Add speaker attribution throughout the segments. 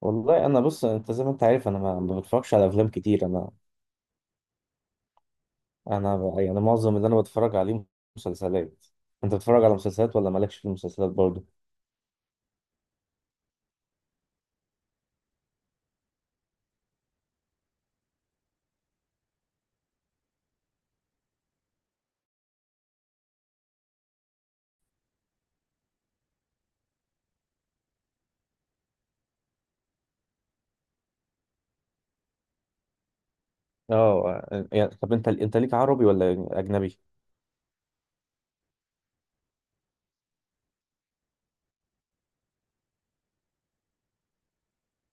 Speaker 1: والله انا بص، انت زي ما انت عارف انا ما بتفرجش على افلام كتير. انا يعني معظم اللي انا بتفرج عليه مسلسلات. انت بتتفرج على مسلسلات ولا مالكش في المسلسلات برضه؟ اه يعني، طب انت ليك عربي ولا اجنبي؟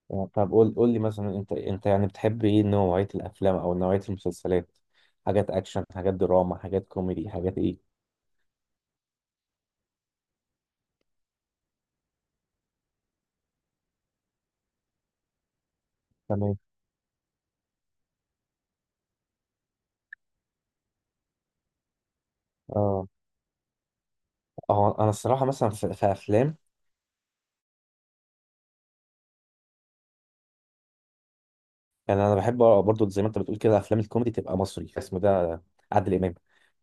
Speaker 1: يعني طب قول لي مثلا، انت يعني بتحب ايه، نوعية الافلام او نوعية المسلسلات؟ حاجات اكشن، حاجات دراما، حاجات كوميدي، حاجات ايه؟ تمام. اه. اه انا الصراحة مثلا في افلام، يعني انا بحب برضو زي ما انت بتقول كده افلام الكوميدي، تبقى مصري اسمه ده، عادل امام.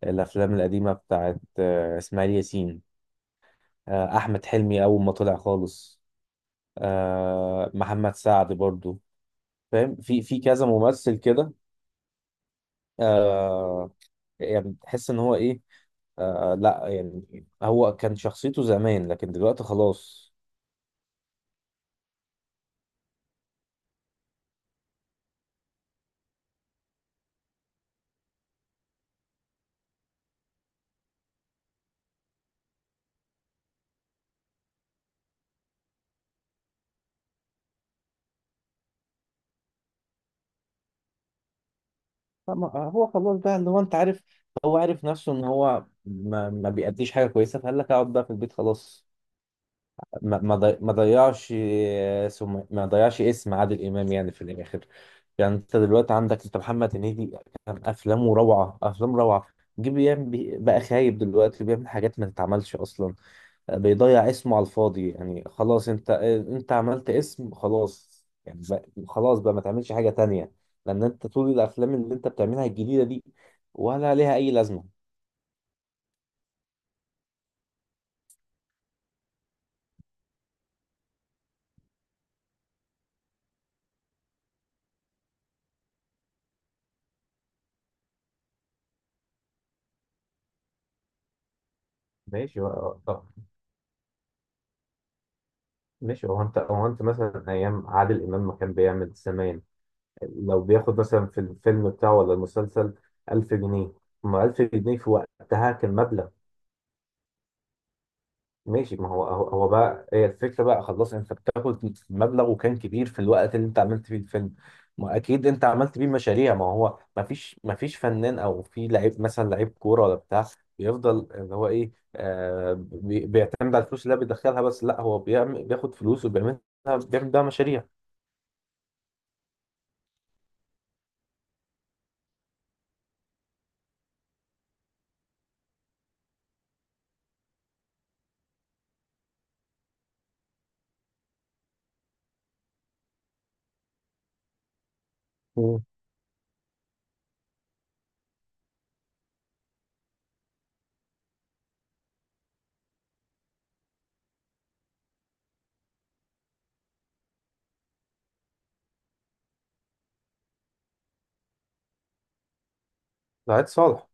Speaker 1: الافلام القديمه بتاعت اسماعيل ياسين، احمد حلمي اول ما طلع خالص، محمد سعد برضو. فاهم، في كذا ممثل كده. آه، يعني تحس ان هو ايه. لا يعني هو كان شخصيته زمان لكن دلوقتي خلاص. هو خلاص بقى اللي هو انت عارف، هو عارف نفسه ان هو ما بيأديش حاجه كويسه، فقال لك اقعد بقى في البيت خلاص. ما ما ضي- ما ضيعش، ما ضيعش اسم عادل امام يعني في الاخر. يعني انت دلوقتي عندك انت، محمد هنيدي، كان افلامه روعه، افلام روعه. جه بقى خايب، دلوقتي بيعمل حاجات ما تتعملش اصلا، بيضيع اسمه على الفاضي. يعني خلاص، انت عملت اسم، خلاص يعني بقى، خلاص بقى ما تعملش حاجه تانية، لان انت طول الافلام اللي انت بتعملها الجديده دي ولا ليها اي لازمه. ماشي بقى. طب ماشي، هو انت هو انت مثلا ايام عادل امام ما كان بيعمل سمان، لو بياخد مثلا في الفيلم بتاعه ولا المسلسل 1000 جنيه، ما 1000 جنيه في وقتها كان مبلغ. ماشي، ما هو بقى، هي الفكرة بقى خلاص، انت بتاخد مبلغ وكان كبير في الوقت اللي انت عملت فيه الفيلم، ما اكيد انت عملت بيه مشاريع. ما هو ما فيش فنان او في لعيب، مثلا لعيب كورة ولا بتاع، بيفضل اللي هو ايه، آه بيعتمد على الفلوس اللي هو بيدخلها بس. لا هو بيعمل، بياخد فلوس وبيعملها، بيعمل بيها مشاريع. مم. سعيد صالح.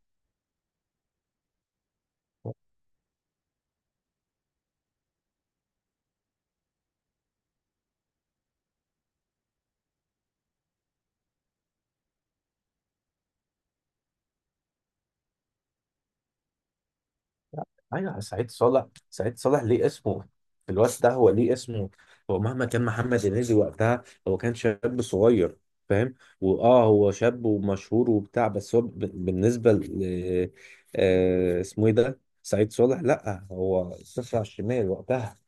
Speaker 1: ايوه سعيد صالح، سعيد صالح ليه اسمه في الوقت ده، هو ليه اسمه. هو مهما كان محمد هنيدي وقتها، هو كان شاب صغير، فاهم، واه هو شاب ومشهور وبتاع، بس هو بالنسبه ل اسمه ايه ده، سعيد صالح، لا هو صفر على الشمال وقتها.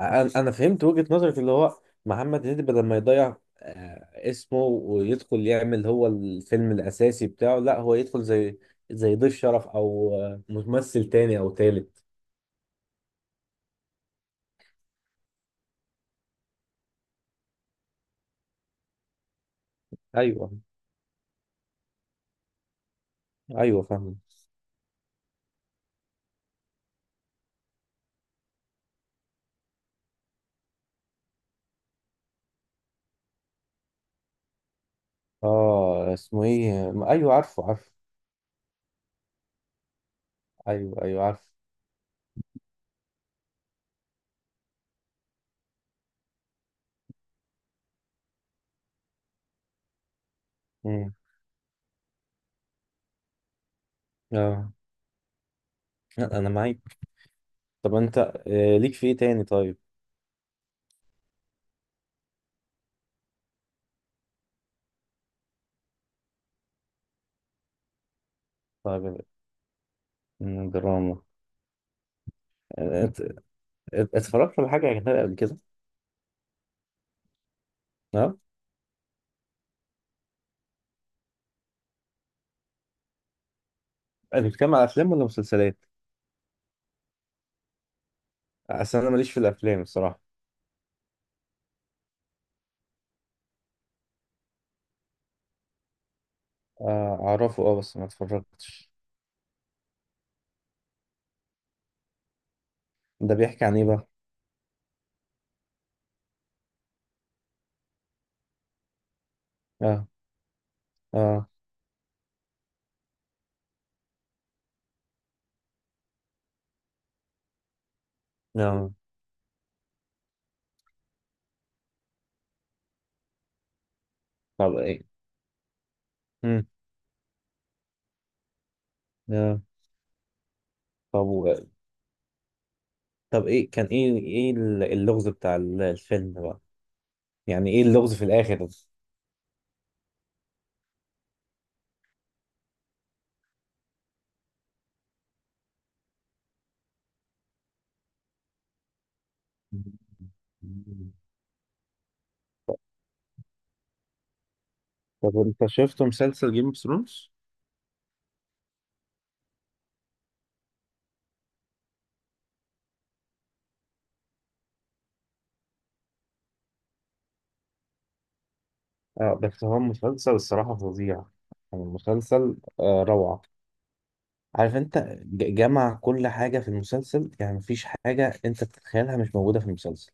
Speaker 1: انا فهمت وجهه نظرك، اللي هو محمد هنيدي بدل ما يضيع اسمه ويدخل يعمل هو الفيلم الاساسي بتاعه، لا هو يدخل زي ضيف شرف او ممثل تاني او تالت. ايوه ايوه فاهم. اه اسمه ايه ايوه، عارفه. ايوه عارفه. امم. اه. لا، انا معاك. طب انت ليك في ايه تاني طيب؟ طيب. مم، دراما. آه، ات- اتفرجت على حاجه اجنبيه قبل كده؟ اه، بتتكلم على افلام ولا مسلسلات؟ اصل انا ماليش في الافلام الصراحه. اعرفه اه بس ما اتفرجتش. ده بيحكي عن ايه بقى؟ اه. اه. اه. طب ايه. امم. اه. طب و- طب ايه كان ايه اللغز بتاع الفيلم بقى، يعني ايه اللغز في الاخر ده؟ طب انت شفت مسلسل جيم اوف ثرونز؟ اه بس هو مسلسل الصراحة فظيع، يعني المسلسل آه روعة. عارف انت، جمع كل حاجة في المسلسل، يعني مفيش حاجة انت تتخيلها مش موجودة في المسلسل.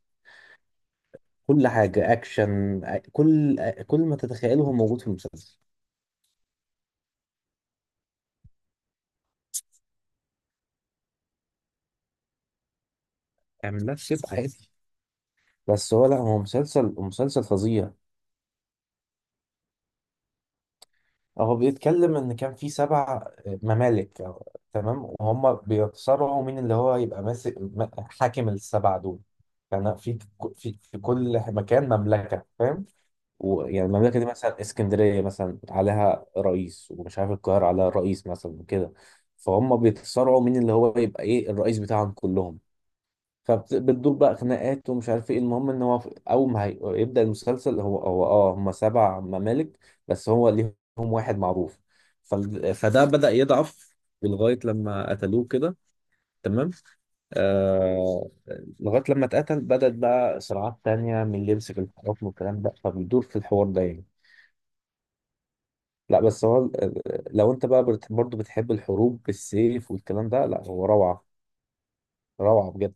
Speaker 1: كل حاجة اكشن، كل ما تتخيله هو موجود في المسلسل. اعمل نفس كده عادي. بس هو لا، هو مسلسل فظيع. هو بيتكلم ان كان في سبع ممالك، تمام، وهم بيتصارعوا مين اللي هو يبقى ماسك حاكم السبع دول. كان في كل مكان مملكة، فاهم، ويعني المملكة دي مثلا اسكندرية مثلا عليها رئيس، ومش عارف القاهرة عليها رئيس مثلا وكده، فهم بيتصارعوا مين اللي هو يبقى ايه الرئيس بتاعهم كلهم. فبتدور بقى خناقات ومش عارف ايه. المهم ان هو في- اول ما هي- يبدأ المسلسل، هو اه هم سبع ممالك بس هو ليهم واحد معروف. فده بدأ يضعف لغاية لما قتلوه كده، تمام. آه، لغاية لما اتقتل بدأت بقى صراعات تانية من اللي يمسك الحكم والكلام ده، فبيدور في الحوار ده يعني. لا بس هو لو انت بقى برضه بتحب الحروب بالسيف والكلام ده، لا هو روعة، روعة بجد.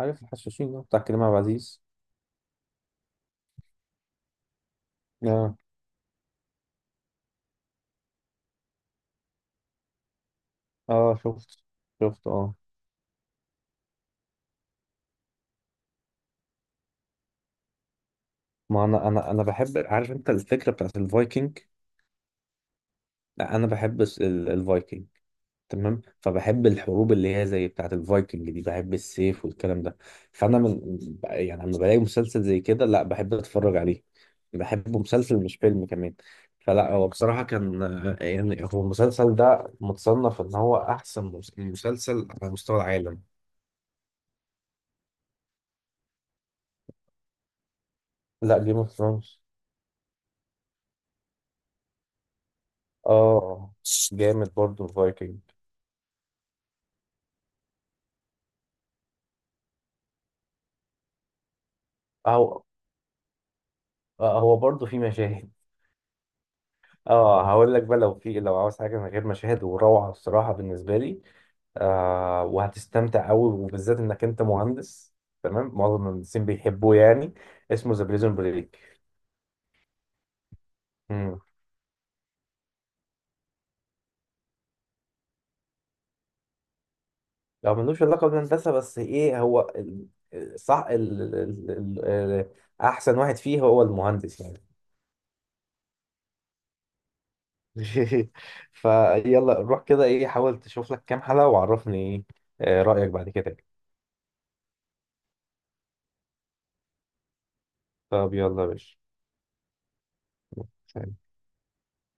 Speaker 1: عارف الحشاشين، ده بتاع كريم عبد العزيز. اه شفت، شفت اه. ما انا بحب، عارف انت الفكره بتاعت الفايكنج، لا، انا بحب الفايكنج، تمام، فبحب الحروب اللي هي زي بتاعت الفايكنج دي، بحب السيف والكلام ده. فانا من، يعني لما بلاقي مسلسل زي كده لا بحب اتفرج عليه. بحبه مسلسل مش فيلم كمان. فلا هو بصراحه كان، يعني هو المسلسل ده متصنف ان هو احسن مسلسل على مستوى العالم. لا، جيم اوف ثرونز. اه جامد برضه الفايكنج. آه هو برضه في مشاهد. اه هقول لك بقى، لو في، لو عاوز حاجه من غير مشاهد وروعه الصراحه بالنسبه لي، آه وهتستمتع قوي، وبالذات انك انت مهندس، تمام، معظم المهندسين بيحبوه يعني. اسمه ذا بريزون بريك. امم. لو ملوش علاقه بالهندسه بس، ايه هو صح ال... ال... ال... ال... احسن واحد فيه هو المهندس يعني. فيلا روح كده، ايه حاول تشوف لك كام حلقه وعرفني ايه رايك بعد كده. طب يلا يا باشا.